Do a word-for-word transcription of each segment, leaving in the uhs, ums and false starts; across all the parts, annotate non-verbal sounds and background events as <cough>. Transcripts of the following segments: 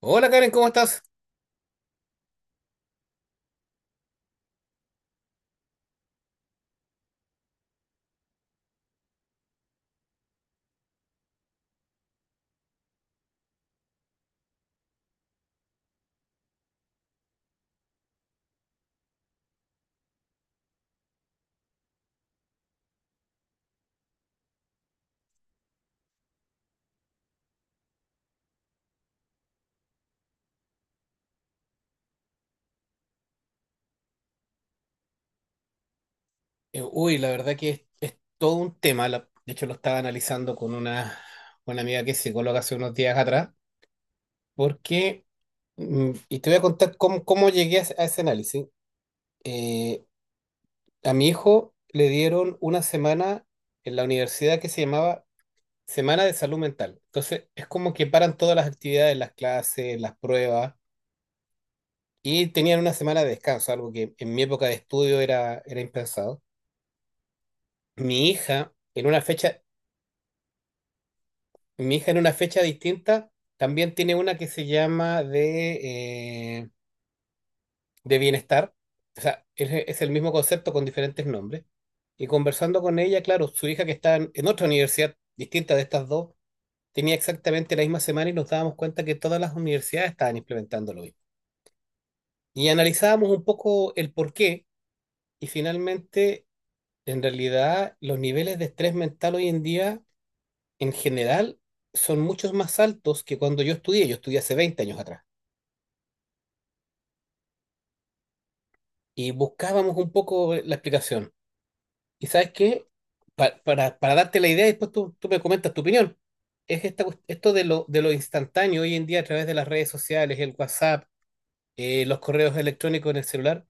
Hola Karen, ¿cómo estás? Eh, uy, la verdad que es, es todo un tema. la- de hecho, lo estaba analizando con una, una amiga que es psicóloga hace unos días atrás, porque, mm, y te voy a contar cómo, cómo llegué a, ese a ese análisis. Eh, a mi hijo le dieron una semana en la universidad que se llamaba Semana de Salud Mental. Entonces, es como que paran todas las actividades, las clases, las pruebas, y tenían una semana de descanso, algo que en mi época de estudio era, era impensado. Mi hija, en una fecha Mi hija en una fecha distinta también tiene una que se llama de, eh, de bienestar. O sea, es, es el mismo concepto con diferentes nombres. Y conversando con ella, claro, su hija que está en, en otra universidad distinta de estas dos, tenía exactamente la misma semana y nos dábamos cuenta que todas las universidades estaban implementándolo hoy. Y analizábamos un poco el por qué y, finalmente, en realidad, los niveles de estrés mental hoy en día, en general, son muchos más altos que cuando yo estudié. Yo estudié hace veinte años atrás, y buscábamos un poco la explicación. ¿Y sabes qué? Pa- para, para darte la idea, y después tú, tú me comentas tu opinión. Es esta, cuest- esto de lo, de lo instantáneo hoy en día a través de las redes sociales, el WhatsApp, eh, los correos electrónicos en el celular,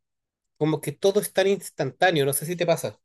como que todo es tan instantáneo, no sé si te pasa.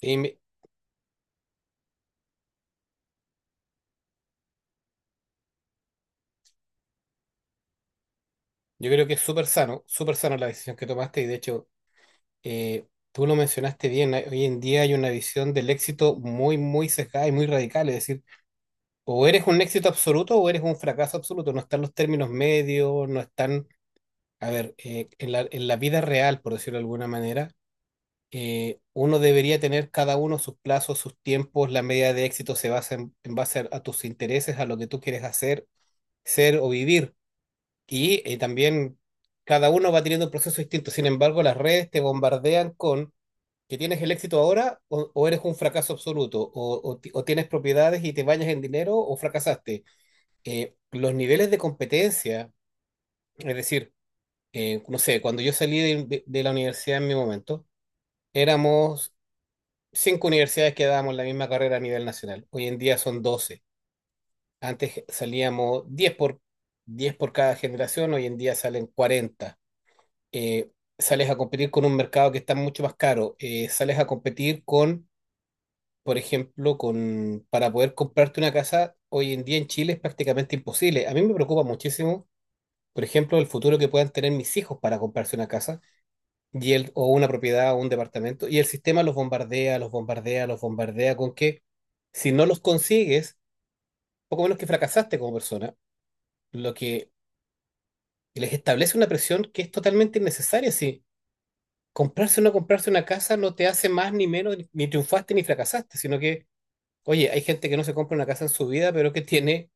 Sí, me- yo creo que es súper sano, súper sano la decisión que tomaste. Y de hecho, eh, tú lo mencionaste bien, hay- hoy en día hay una visión del éxito muy, muy sesgada y muy radical, es decir, o eres un éxito absoluto o eres un fracaso absoluto. No están los términos medios, no están. A ver, eh, en la, en la vida real, por decirlo de alguna manera, eh, uno debería tener cada uno sus plazos, sus tiempos, la medida de éxito se basa en, en base a, a tus intereses, a lo que tú quieres hacer, ser o vivir. Y eh, también cada uno va teniendo un proceso distinto. Sin embargo, las redes te bombardean con que tienes el éxito ahora o, o eres un fracaso absoluto, o o ti- o tienes propiedades y te bañas en dinero o fracasaste. Eh, los niveles de competencia, es decir, eh, no sé, cuando yo salí de, de- de la universidad en mi momento, éramos cinco universidades que dábamos la misma carrera a nivel nacional. Hoy en día son doce. Antes salíamos diez por, diez por cada generación, hoy en día salen cuarenta. Eh, sales a competir con un mercado que está mucho más caro. Eh, sales a competir con, por ejemplo, con, para poder comprarte una casa, hoy en día en Chile es prácticamente imposible. A mí me preocupa muchísimo, por ejemplo, el futuro que puedan tener mis hijos para comprarse una casa y el, o una propiedad o un departamento. Y el sistema los bombardea, los bombardea, los bombardea con que, si no los consigues, poco menos que fracasaste como persona, lo que les establece una presión que es totalmente innecesaria. Si comprarse o no comprarse una casa no te hace más ni menos, ni triunfaste ni fracasaste, sino que, oye, hay gente que no se compra una casa en su vida, pero que tiene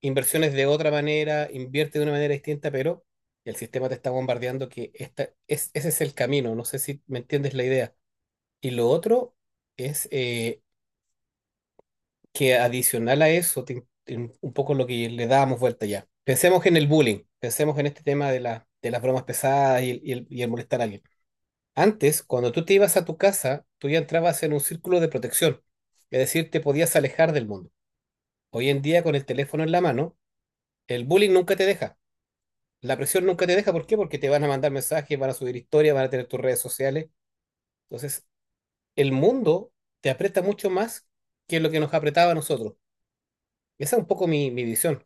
inversiones de otra manera, invierte de una manera distinta, pero el sistema te está bombardeando que esta, es, ese es el camino, no sé si me entiendes la idea. Y lo otro es eh, que, adicional a eso, te- te- un poco lo que le dábamos vuelta ya. Pensemos en el bullying, pensemos en este tema de, la- de las bromas pesadas y el, y el- y el molestar a alguien. Antes, cuando tú te ibas a tu casa, tú ya entrabas en un círculo de protección, es decir, te podías alejar del mundo. Hoy en día, con el teléfono en la mano, el bullying nunca te deja. La presión nunca te deja, ¿por qué? Porque te van a mandar mensajes, van a subir historias, van a tener tus redes sociales. Entonces, el mundo te aprieta mucho más que lo que nos apretaba a nosotros. Esa es un poco mi, mi visión.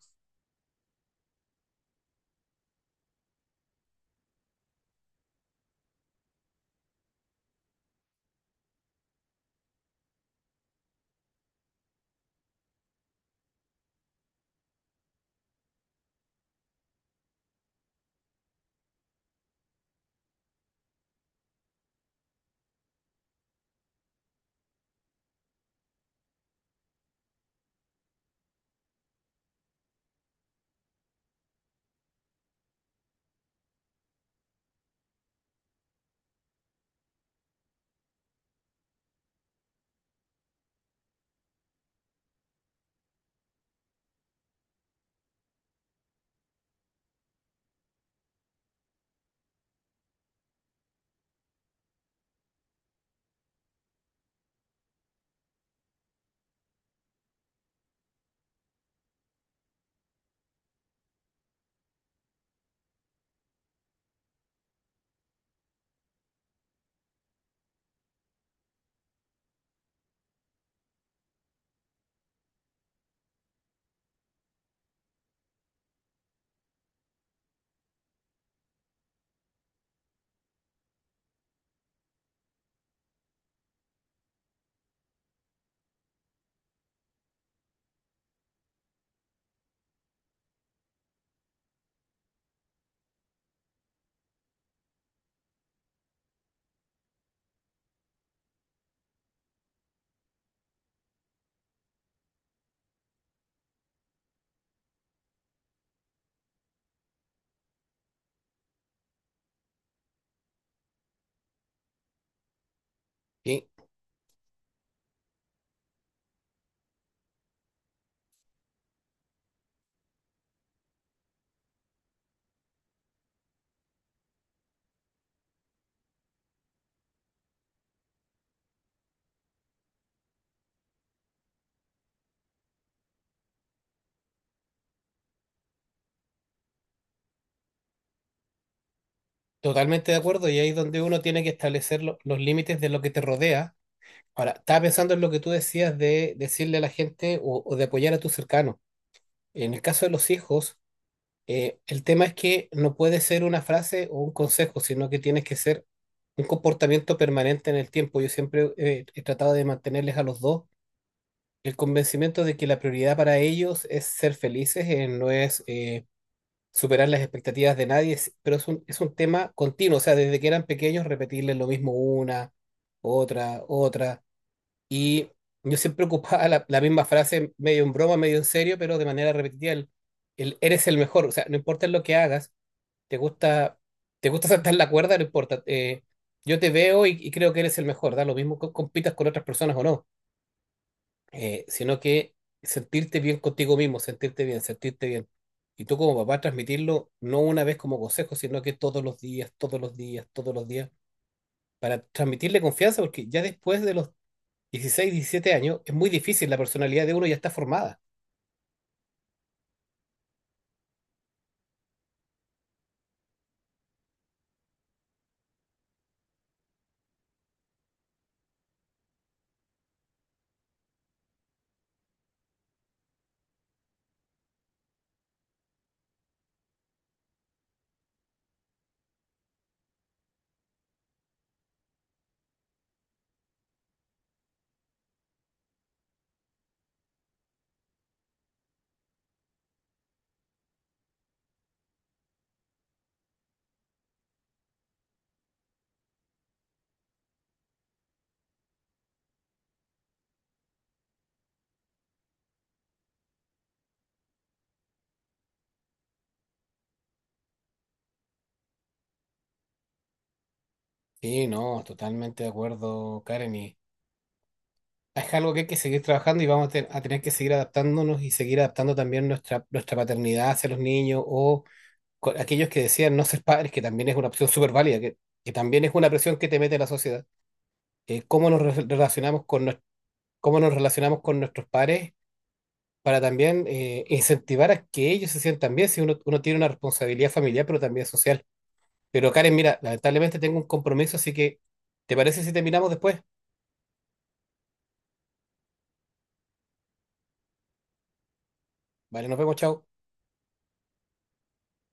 Y totalmente de acuerdo, y ahí es donde uno tiene que establecer lo- los límites de lo que te rodea. Ahora, estaba pensando en lo que tú decías de decirle a la gente o, o de apoyar a tus cercanos. En el caso de los hijos, Eh, el tema es que no puede ser una frase o un consejo, sino que tienes que ser un comportamiento permanente en el tiempo. Yo siempre eh, he tratado de mantenerles a los dos el convencimiento de que la prioridad para ellos es ser felices, eh, no es eh, superar las expectativas de nadie, es- pero es un, es un tema continuo. O sea, desde que eran pequeños, repetirles lo mismo una, otra, otra. Y yo siempre <laughs> ocupaba la, la misma frase, medio en broma, medio en serio, pero de manera repetitiva. El, el eres el mejor, o sea, no importa lo que hagas. Te gusta, te gusta <laughs> saltar la cuerda, no importa. Eh, yo te veo y, y creo que eres el mejor, da lo mismo que compitas con otras personas o no, eh, sino que sentirte bien contigo mismo, sentirte bien, sentirte bien. Y tú, como papá, transmitirlo no una vez como consejo, sino que todos los días, todos los días, todos los días, para transmitirle confianza, porque ya después de los dieciséis diecisiete años es muy difícil, la personalidad de uno ya está formada. Sí, no, totalmente de acuerdo, Karen. Y es algo que hay que seguir trabajando y vamos a, te- a tener que seguir adaptándonos y seguir adaptando también nuestra, nuestra paternidad hacia los niños o co- aquellos que decían no ser padres, que también es una opción súper válida, que, que también es una presión que te mete la sociedad. Eh, cómo nos re- relacionamos con, nues- cómo nos relacionamos con nuestros padres para también eh, incentivar a que ellos se sientan bien, si uno, uno tiene una responsabilidad familiar, pero también social. Pero, Karen, mira, lamentablemente tengo un compromiso, así que ¿te parece si terminamos después? Vale, nos vemos, chao.